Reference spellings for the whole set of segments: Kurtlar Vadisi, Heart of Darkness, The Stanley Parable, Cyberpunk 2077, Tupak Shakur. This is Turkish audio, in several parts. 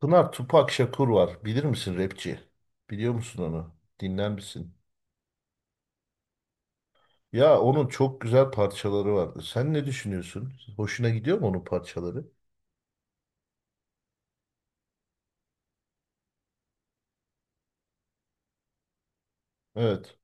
Pınar Tupak Shakur var. Bilir misin rapçi? Biliyor musun onu? Dinler misin? Ya onun çok güzel parçaları vardı. Sen ne düşünüyorsun? Hoşuna gidiyor mu onun parçaları? Evet.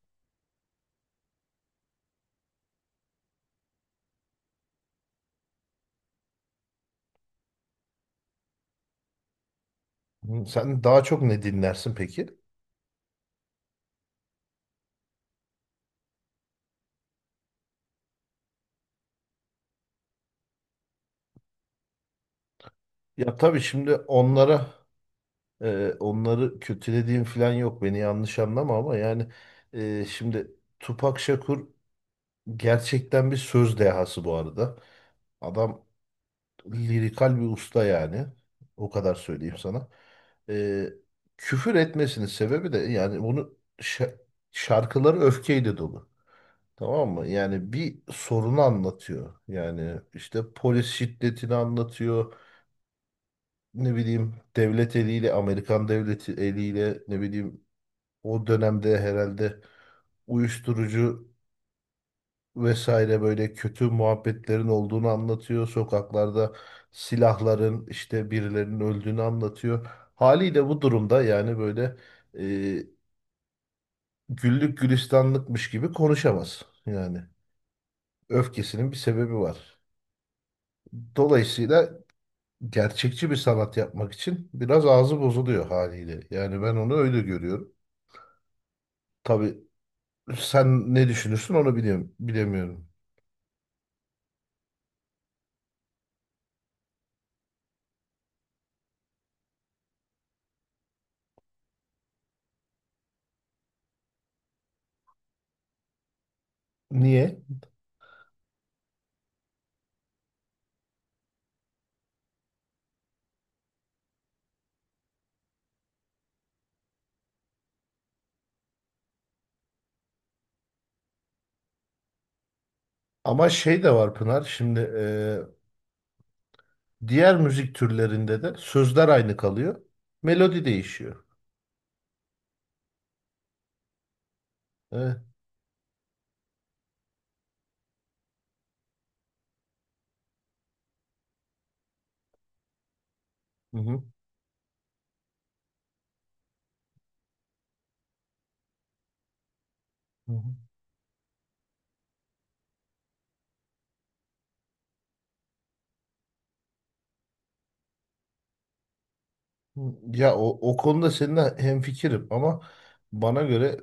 Hı. Sen daha çok ne dinlersin peki? Ya tabii şimdi onları kötülediğim falan yok. Beni yanlış anlama ama yani şimdi Tupak Shakur gerçekten bir söz dehası bu arada. Adam lirikal bir usta yani. O kadar söyleyeyim sana. Ee, küfür etmesinin sebebi de yani şarkıları öfkeyle dolu. Tamam mı? Yani bir sorunu anlatıyor. Yani işte polis şiddetini anlatıyor. Ne bileyim devlet eliyle, Amerikan devleti eliyle ne bileyim o dönemde herhalde uyuşturucu vesaire böyle kötü muhabbetlerin olduğunu anlatıyor. Sokaklarda silahların işte birilerinin öldüğünü anlatıyor. Haliyle bu durumda yani böyle e, güllük gülistanlıkmış gibi konuşamaz. Yani öfkesinin bir sebebi var. Dolayısıyla gerçekçi bir sanat yapmak için biraz ağzı bozuluyor haliyle. Yani ben onu öyle görüyorum. Tabii sen ne düşünürsün onu bilemiyorum. Niye? Ama şey de var Pınar. Şimdi diğer müzik türlerinde de sözler aynı kalıyor. Melodi değişiyor. Evet. Hı hı. Hı hı. Hı. Ya o konuda seninle hemfikirim ama bana göre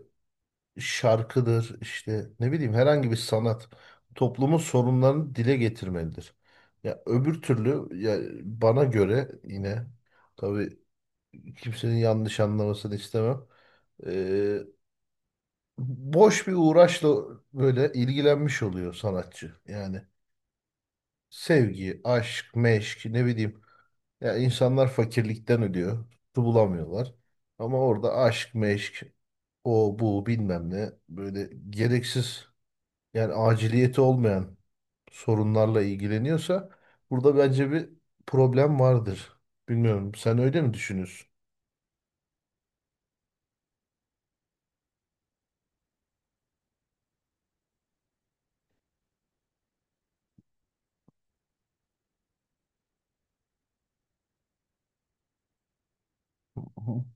şarkıdır işte ne bileyim herhangi bir sanat toplumun sorunlarını dile getirmelidir. Ya öbür türlü ya bana göre yine tabii kimsenin yanlış anlamasını istemem. Ee, boş bir uğraşla böyle ilgilenmiş oluyor sanatçı. Yani sevgi, aşk, meşk ne bileyim. Ya insanlar fakirlikten ölüyor. Su bulamıyorlar. Ama orada aşk, meşk, o bu bilmem ne böyle gereksiz yani aciliyeti olmayan sorunlarla ilgileniyorsa burada bence bir problem vardır. Bilmiyorum sen öyle mi düşünüyorsun? Hı.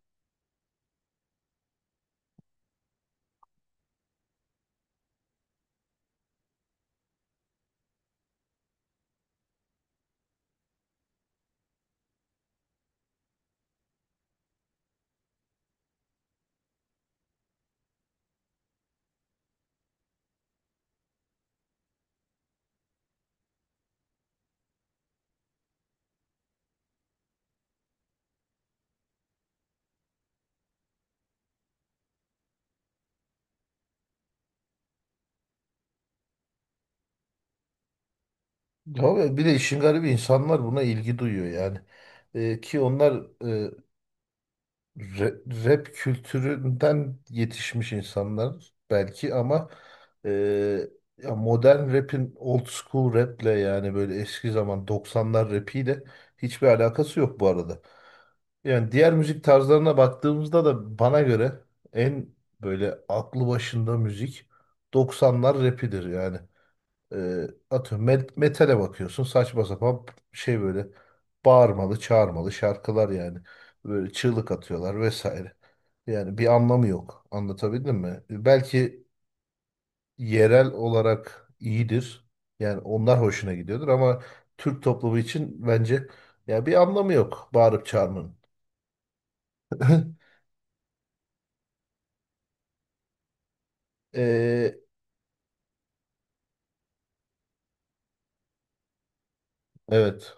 Ya ve bir de işin garibi insanlar buna ilgi duyuyor yani. Ki onlar Ra- Rap kültüründen yetişmiş insanlar belki ama e, ya modern rap'in old school rap'le yani böyle eski zaman doksanlar rap'iyle hiçbir alakası yok bu arada. Yani diğer müzik tarzlarına baktığımızda da bana göre en böyle aklı başında müzik doksanlar rap'idir yani. Atıyorum metale bakıyorsun saçma sapan şey böyle bağırmalı çağırmalı şarkılar yani. Böyle çığlık atıyorlar vesaire. Yani bir anlamı yok. Anlatabildim mi? Belki yerel olarak iyidir. Yani onlar hoşuna gidiyordur ama Türk toplumu için bence ya bir anlamı yok bağırıp çağırmanın. Ee, evet.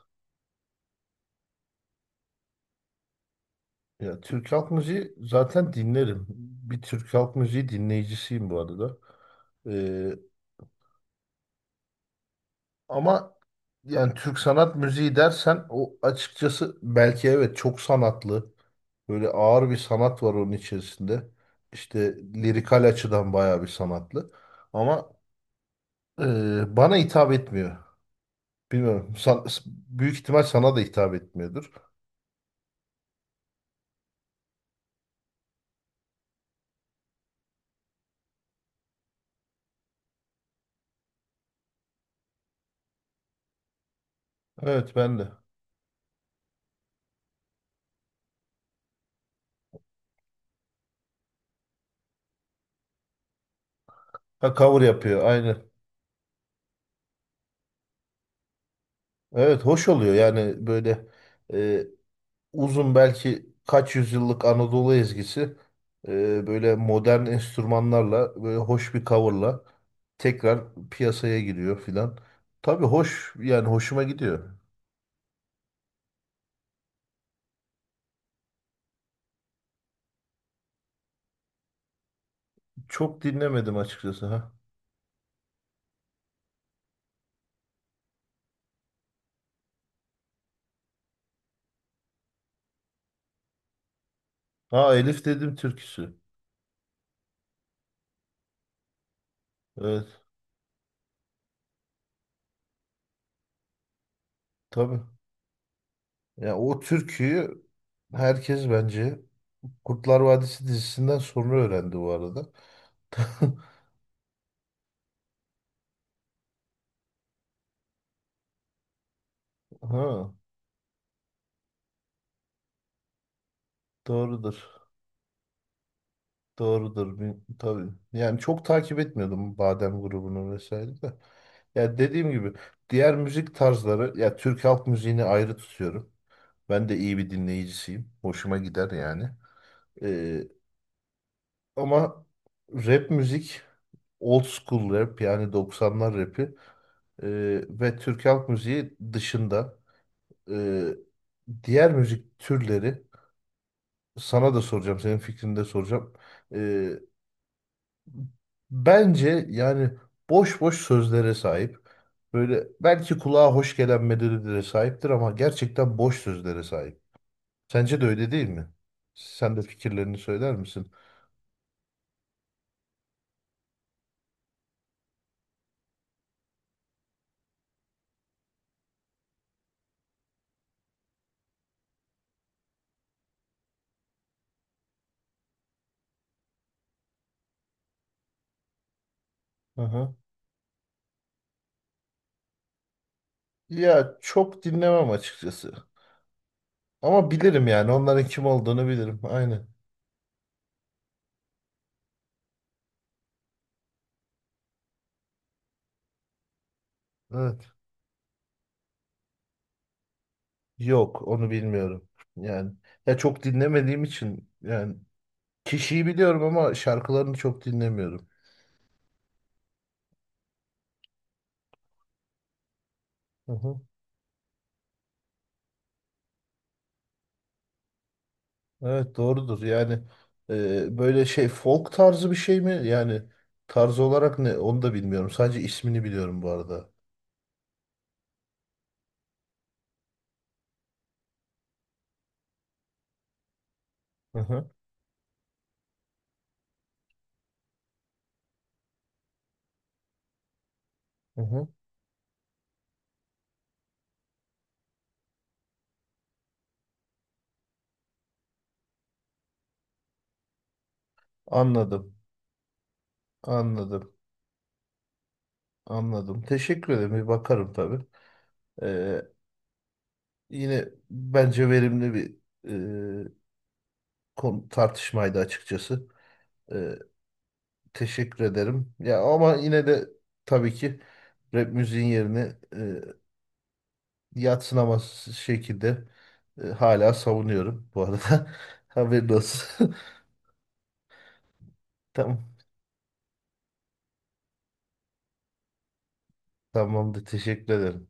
Ya Türk halk müziği zaten dinlerim. Bir Türk halk müziği dinleyicisiyim bu arada. E, Ama yani Türk sanat müziği dersen o açıkçası belki evet çok sanatlı. Böyle ağır bir sanat var onun içerisinde. İşte lirikal açıdan bayağı bir sanatlı. Ama bana hitap etmiyor. Bilmiyorum. Büyük ihtimal sana da hitap etmiyordur. Evet ben de. Ha, cover yapıyor aynı. Evet hoş oluyor yani böyle uzun belki kaç yüzyıllık Anadolu ezgisi böyle modern enstrümanlarla böyle hoş bir coverla tekrar piyasaya giriyor filan. Tabii hoş yani hoşuma gidiyor. Çok dinlemedim açıkçası ha. Ha, Elif dedim türküsü. Evet, tabii. Ya o türküyü herkes bence Kurtlar Vadisi dizisinden sonra öğrendi bu arada. Ha, doğrudur. Doğrudur. Tabii. Yani çok takip etmiyordum Badem grubunu vesaire de. Ya dediğim gibi diğer müzik tarzları ya Türk halk müziğini ayrı tutuyorum. Ben de iyi bir dinleyicisiyim. Hoşuma gider yani. Ee, ama rap müzik old school rap yani doksanlar rapi ve Türk halk müziği dışında ee, diğer müzik türleri sana da soracağım senin fikrini de soracağım. E, Bence yani boş boş sözlere sahip. Böyle belki kulağa hoş gelen medelilere sahiptir ama gerçekten boş sözlere sahip. Sence de öyle değil mi? Sen de fikirlerini söyler misin? Aha. Ya çok dinlemem açıkçası. Ama bilirim yani onların kim olduğunu bilirim. Aynen. Evet. Yok onu bilmiyorum. Yani ya çok dinlemediğim için yani kişiyi biliyorum ama şarkılarını çok dinlemiyorum. Hı hı. Evet, doğrudur. Yani böyle şey folk tarzı bir şey mi? Yani tarz olarak ne? Onu da bilmiyorum. Sadece ismini biliyorum bu arada. Hı hı. Hı hı. Anladım. Anladım. Anladım. Teşekkür ederim. Bir bakarım tabii. E, yine bence verimli bir e, konu, tartışmaydı açıkçası. E, teşekkür ederim. Ya ama yine de tabii ki rap müziğin yerini yadsınamaz şekilde hala savunuyorum bu arada. Haberin olsun. Tamam. Tamamdır. Teşekkür ederim.